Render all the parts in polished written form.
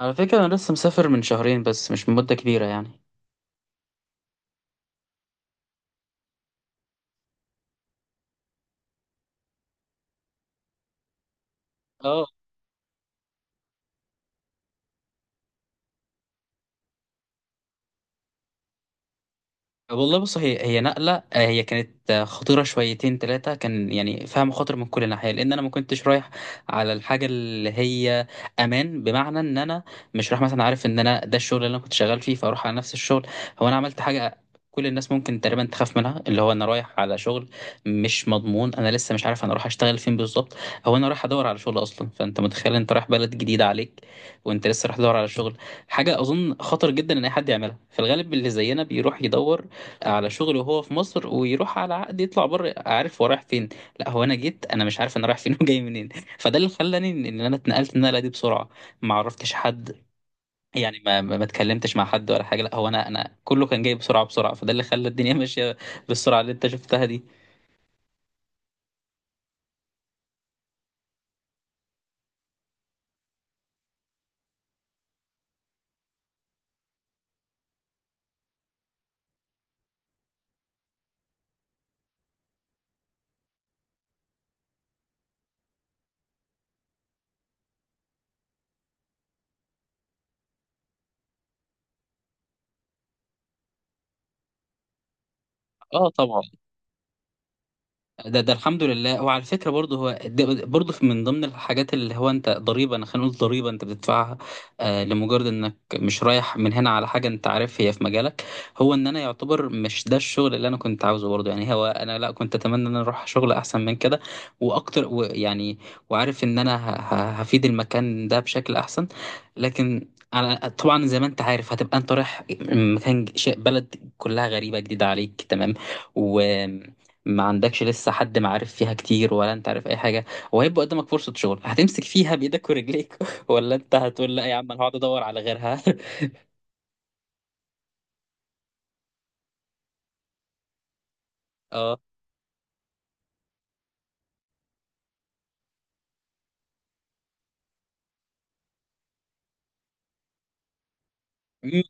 على فكرة أنا لسه مسافر من شهرين، بس مش من مدة كبيرة يعني. اه. والله بص، هي نقلة، هي كانت خطيرة شويتين تلاتة. كان يعني فيها مخاطر من كل ناحية، لأن أنا ما كنتش رايح على الحاجة اللي هي أمان، بمعنى إن أنا مش رايح مثلا، عارف إن أنا ده الشغل اللي أنا كنت شغال فيه فأروح على نفس الشغل. هو أنا عملت حاجة كل الناس ممكن تقريبا تخاف منها، اللي هو أنا رايح على شغل مش مضمون، أنا لسه مش عارف أنا رايح أشتغل فين بالظبط. هو أنا رايح أدور على شغل أصلا، فأنت متخيل أنت رايح بلد جديدة عليك وأنت لسه رايح تدور على شغل. حاجة أظن خطر جدا إن أي حد يعملها، في الغالب اللي زينا بيروح يدور على شغل وهو في مصر ويروح على عقد يطلع بره عارف هو رايح فين. لا، هو انا جيت انا مش عارف انا رايح فين وجاي منين. فده اللي خلاني إن انا اتنقلت النقله دي بسرعه، ما عرفتش حد، يعني ما اتكلمتش مع حد ولا حاجه. لا هو انا كله كان جاي بسرعه بسرعه، فده اللي خلى الدنيا ماشيه بالسرعه اللي انت شفتها دي. اه طبعا. ده الحمد لله. وعلى فكره برضه، هو من ضمن الحاجات اللي هو انت ضريبه، انا خلينا نقول ضريبه انت بتدفعها، لمجرد انك مش رايح من هنا على حاجه انت عارف هي في مجالك، هو ان انا يعتبر مش ده الشغل اللي انا كنت عاوزه برضه. يعني هو انا لا كنت اتمنى ان انا اروح شغل احسن من كده واكتر، ويعني وعارف ان انا هفيد المكان ده بشكل احسن. لكن على طبعا زي ما انت عارف هتبقى انت رايح مكان بلد كلها غريبه جديده عليك، تمام. ما عندكش لسه حد معارف فيها كتير ولا انت عارف اي حاجه، وهيبقى قدامك فرصه شغل هتمسك فيها بايدك ورجليك ولا انت هتقول لا يا عم انا هقعد ادور على غيرها؟ اه. مم.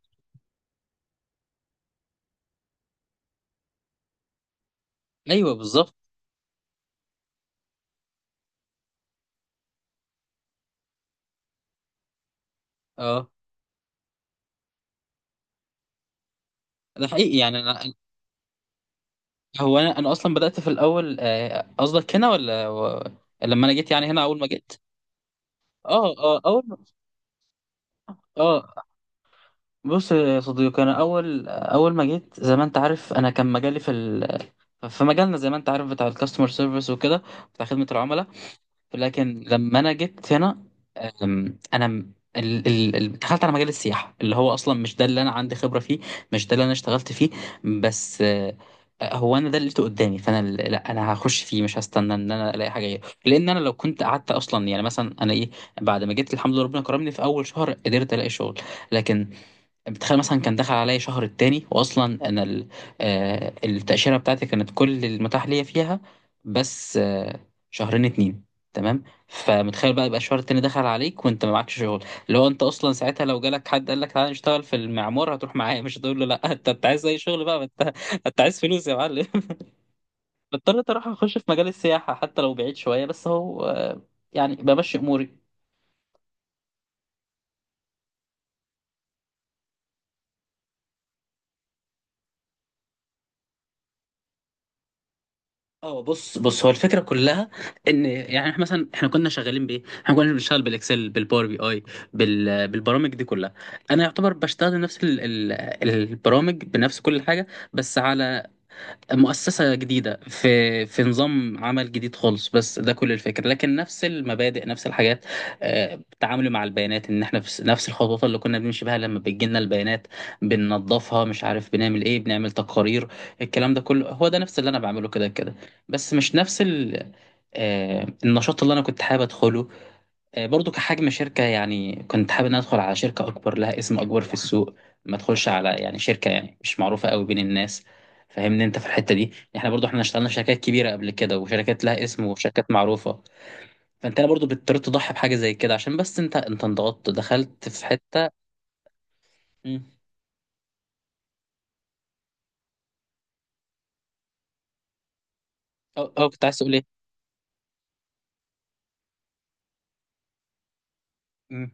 ايوه بالظبط. اه ده حقيقي يعني انا. هو انا اصلا بدات في الاول، قصدك هنا ولا و...؟ لما انا جيت يعني هنا اول ما جيت. اه اه اول ما اه بص يا صديقي انا اول اول ما جيت زي ما انت عارف انا كان مجالي في ال... في مجالنا زي ما انت عارف بتاع الكاستمر سيرفيس وكده، بتاع خدمه العملاء. لكن لما انا جيت هنا، انا دخلت على مجال السياحه اللي هو اصلا مش ده اللي انا عندي خبره فيه، مش ده اللي انا اشتغلت فيه. بس هو انا ده اللي لقيته قدامي، فانا لا انا هخش فيه، مش هستنى ان انا الاقي حاجه غيره، لان انا لو كنت قعدت اصلا، يعني مثلا انا ايه. بعد ما جيت الحمد لله ربنا كرمني في اول شهر قدرت الاقي شغل. لكن بتخيل مثلا كان دخل عليا شهر التاني، التاشيره بتاعتي كانت كل المتاح ليا فيها، بس شهرين اتنين. تمام. فمتخيل بقى يبقى الشهر التاني دخل عليك وانت ما معكش شغل، اللي هو انت اصلا ساعتها لو جالك حد قال لك تعالى نشتغل في المعمار هتروح معايا مش هتقول له لا. انت عايز اي شغل بقى، ما انت عايز فلوس يا معلم. اضطريت اروح اخش في مجال السياحه حتى لو بعيد شويه، بس هو يعني بمشي اموري. اه بص بص هو الفكره كلها ان يعني احنا مثلا احنا كنا شغالين بايه؟ احنا كنا بنشتغل بالاكسل بالباور بي اي، بالبرامج دي كلها. انا يعتبر بشتغل نفس ال البرامج بنفس كل حاجه، بس على مؤسسة جديدة، في نظام عمل جديد خالص. بس ده كل الفكرة، لكن نفس المبادئ نفس الحاجات. التعامل مع البيانات ان احنا في نفس الخطوات اللي كنا بنمشي بها لما بتجيلنا البيانات بننظفها، مش عارف بنعمل ايه، بنعمل تقارير. الكلام ده كله هو ده نفس اللي انا بعمله كده كده. بس مش نفس ال النشاط اللي انا كنت حابب ادخله. برضو كحجم شركة يعني كنت حابب ان أنا ادخل على شركة اكبر، لها اسم اكبر في السوق، ما ادخلش على يعني شركة يعني مش معروفة قوي بين الناس. فاهمني انت في الحتة دي. احنا برضو احنا اشتغلنا في شركات كبيرة قبل كده وشركات لها اسم وشركات معروفة، فانت أنا برضو بتضطر تضحي بحاجة زي كده، عشان بس انت انضغطت دخلت في حتة. مم. او كنت عايز تقول ايه؟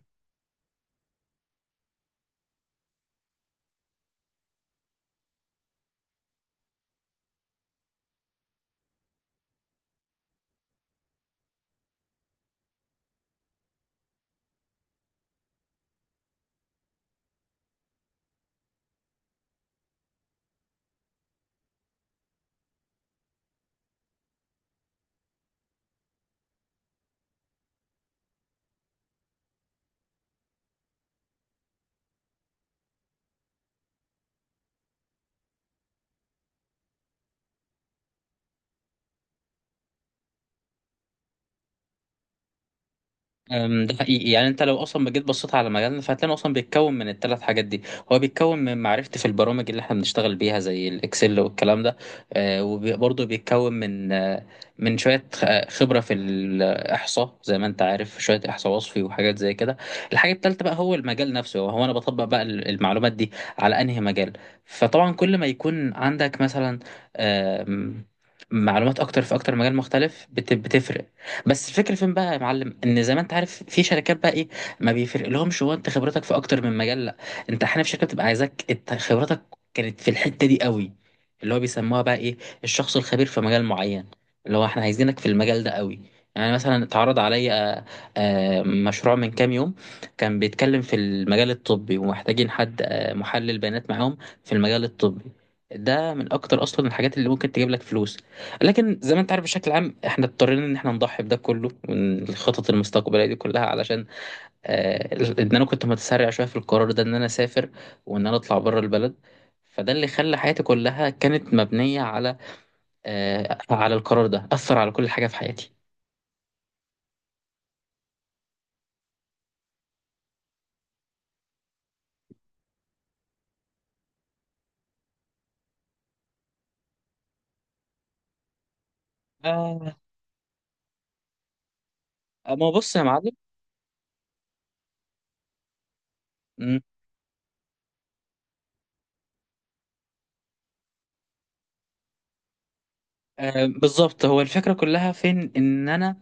ده حقيقي يعني انت لو اصلا ما جيت بصيت على مجالنا فهتلاقي اصلا بيتكون من الثلاث حاجات دي. هو بيتكون من معرفتي في البرامج اللي احنا بنشتغل بيها زي الاكسل والكلام ده، وبرضه بيتكون من من شويه خبره في الاحصاء، زي ما انت عارف شويه احصاء وصفي وحاجات زي كده. الحاجه الثالثه بقى هو المجال نفسه، هو انا بطبق بقى المعلومات دي على انهي مجال. فطبعا كل ما يكون عندك مثلا آم، معلومات اكتر في اكتر مجال مختلف بتفرق. بس الفكره فين بقى يا معلم ان زي ما انت عارف في شركات بقى ايه ما بيفرق لهمش هو انت خبرتك في اكتر من مجال، لا، انت احيانا في شركه بتبقى عايزاك انت خبرتك كانت في الحته دي قوي، اللي هو بيسموها بقى ايه الشخص الخبير في مجال معين، اللي هو احنا عايزينك في المجال ده قوي. يعني مثلا اتعرض عليا مشروع من كام يوم كان بيتكلم في المجال الطبي ومحتاجين حد محلل بيانات معاهم في المجال الطبي. ده من اكتر اصلا الحاجات اللي ممكن تجيب لك فلوس. لكن زي ما انت عارف بشكل عام احنا اضطرينا ان احنا نضحي بده كله من الخطط المستقبليه دي كلها، علشان آه ان انا كنت متسرع شويه في القرار ده ان انا اسافر، وان انا اطلع بره البلد. فده اللي خلى حياتي كلها كانت مبنيه على على القرار ده، اثر على كل حاجه في حياتي. آه. ما هو بص يا معلم. مم، آه بالظبط. هو الفكره كلها فين ان انا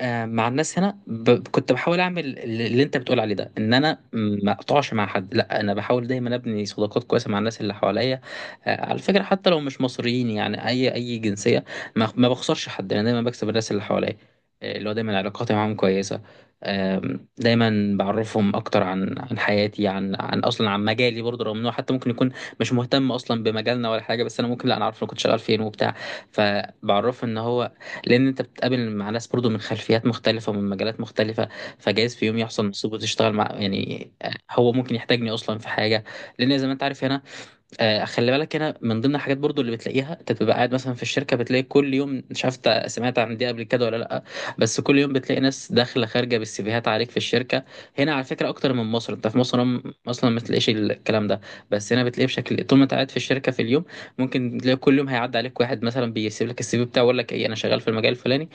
مع الناس هنا كنت بحاول اعمل اللي انت بتقول عليه ده، ان انا ما اقطعش مع حد. لا انا بحاول دايما ابني صداقات كويسه مع الناس اللي حواليا، على فكره حتى لو مش مصريين، يعني اي جنسيه. ما بخسرش حد، انا دايما بكسب الناس اللي حواليا، اللي هو دايما علاقاتي معاهم كويسه. دايما بعرفهم اكتر عن حياتي، عن اصلا عن مجالي برضه، رغم انه حتى ممكن يكون مش مهتم اصلا بمجالنا ولا حاجه. بس انا ممكن لا انا عارف انا كنت شغال فين وبتاع، فبعرفه ان هو، لان انت بتقابل مع ناس برضو من خلفيات مختلفه ومن مجالات مختلفه. فجايز في يوم يحصل نصيب وتشتغل مع يعني، هو ممكن يحتاجني اصلا في حاجه. لان زي ما انت عارف هنا، خلي بالك هنا من ضمن الحاجات برضو اللي بتلاقيها، انت بتبقى قاعد مثلا في الشركه بتلاقي كل يوم مش عارف إنت سمعت عن دي قبل كده ولا لا، بس كل يوم بتلاقي ناس داخله خارجه بالسيفيهات عليك في الشركه. هنا على فكره اكتر من مصر، انت في مصر هم اصلا ما تلاقيش الكلام ده، بس هنا بتلاقيه بشكل طول ما انت قاعد في الشركه في اليوم ممكن تلاقي كل يوم هيعدي عليك واحد مثلا بيسيب لك السي في بتاعه ويقول لك ايه انا شغال في المجال الفلاني،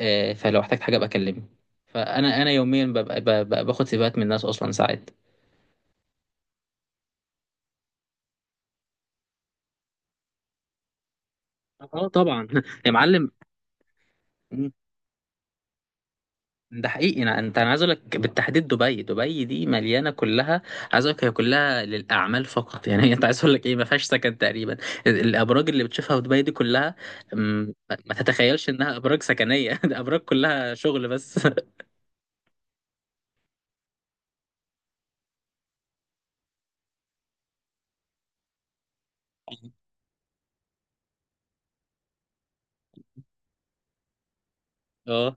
فلو احتجت حاجه ابقى كلمني. فانا يوميا ببقى باخد سيفيهات من الناس اصلا ساعات. اه طبعا يا معلم. ده حقيقي. انا عايز اقول لك بالتحديد دبي دي مليانه كلها، عايز اقول لك هي كلها للاعمال فقط. يعني هي انت عايز اقول لك ايه، ما فيهاش سكن تقريبا. الابراج اللي بتشوفها في دبي دي كلها أم، ما تتخيلش انها ابراج سكنيه. ده ابراج كلها شغل بس. اه.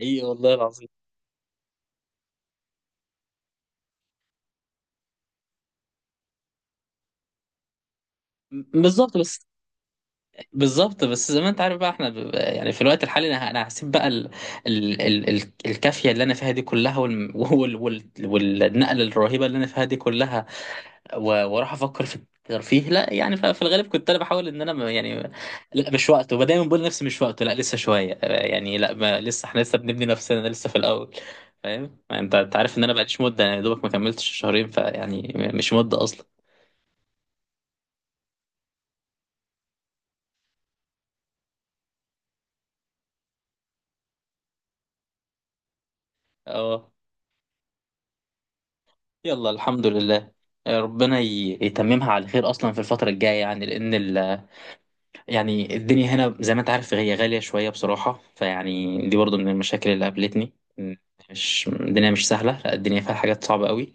ايه والله العظيم. بالظبط بس. بالظبط بس زي ما انت عارف بقى احنا يعني في الوقت الحالي انا هسيب بقى الكافيه اللي انا فيها دي كلها، والنقله الرهيبه اللي انا فيها دي كلها، و- واروح افكر في الترفيه. لا يعني في الغالب كنت انا بحاول ان انا يعني لا مش وقته. ودايما بقول لنفسي مش وقته، لا لسه شويه، يعني لا ما لسه احنا لسه بنبني نفسنا لسه في الاول. فاهم يعني، انت عارف ان انا بقاليش مده يعني، يا دوبك ما كملتش شهرين، فيعني مش مده اصلا. اه. يلا الحمد لله. ربنا يتممها على خير اصلا في الفتره الجايه، يعني لان ال يعني الدنيا هنا زي ما انت عارف هي غالية شوية بصراحة، فيعني دي برضو من المشاكل اللي قابلتني. مش الدنيا مش سهلة، لا الدنيا فيها حاجات صعبة قوي.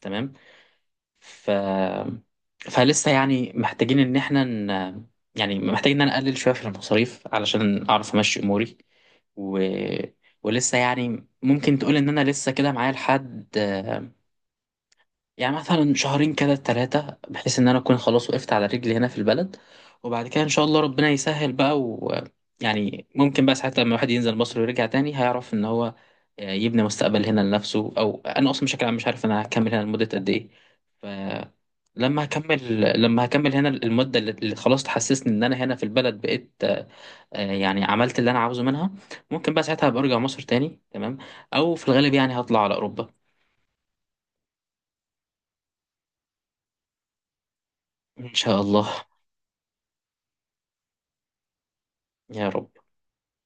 تمام. ف فلسه يعني محتاجين ان احنا ن... يعني محتاجين ان انا اقلل شوية في المصاريف علشان اعرف امشي اموري و... ولسه يعني ممكن تقول ان انا لسه كده معايا لحد يعني مثلا شهرين كده ثلاثة بحيث إن أنا أكون خلاص وقفت على رجلي هنا في البلد. وبعد كده إن شاء الله ربنا يسهل بقى، ويعني ممكن بقى ساعات لما الواحد ينزل مصر ويرجع تاني هيعرف إن هو يبني مستقبل هنا لنفسه، أو أنا أصلا بشكل عام مش عارف أنا هكمل هنا لمدة قد إيه. فلما هكمل لما هكمل هنا المدة اللي خلاص تحسسني إن أنا هنا في البلد بقيت، يعني عملت اللي أنا عاوزه منها، ممكن بقى ساعتها أبقى أرجع مصر تاني تمام. أو في الغالب يعني هطلع على أوروبا إن شاء الله يا رب.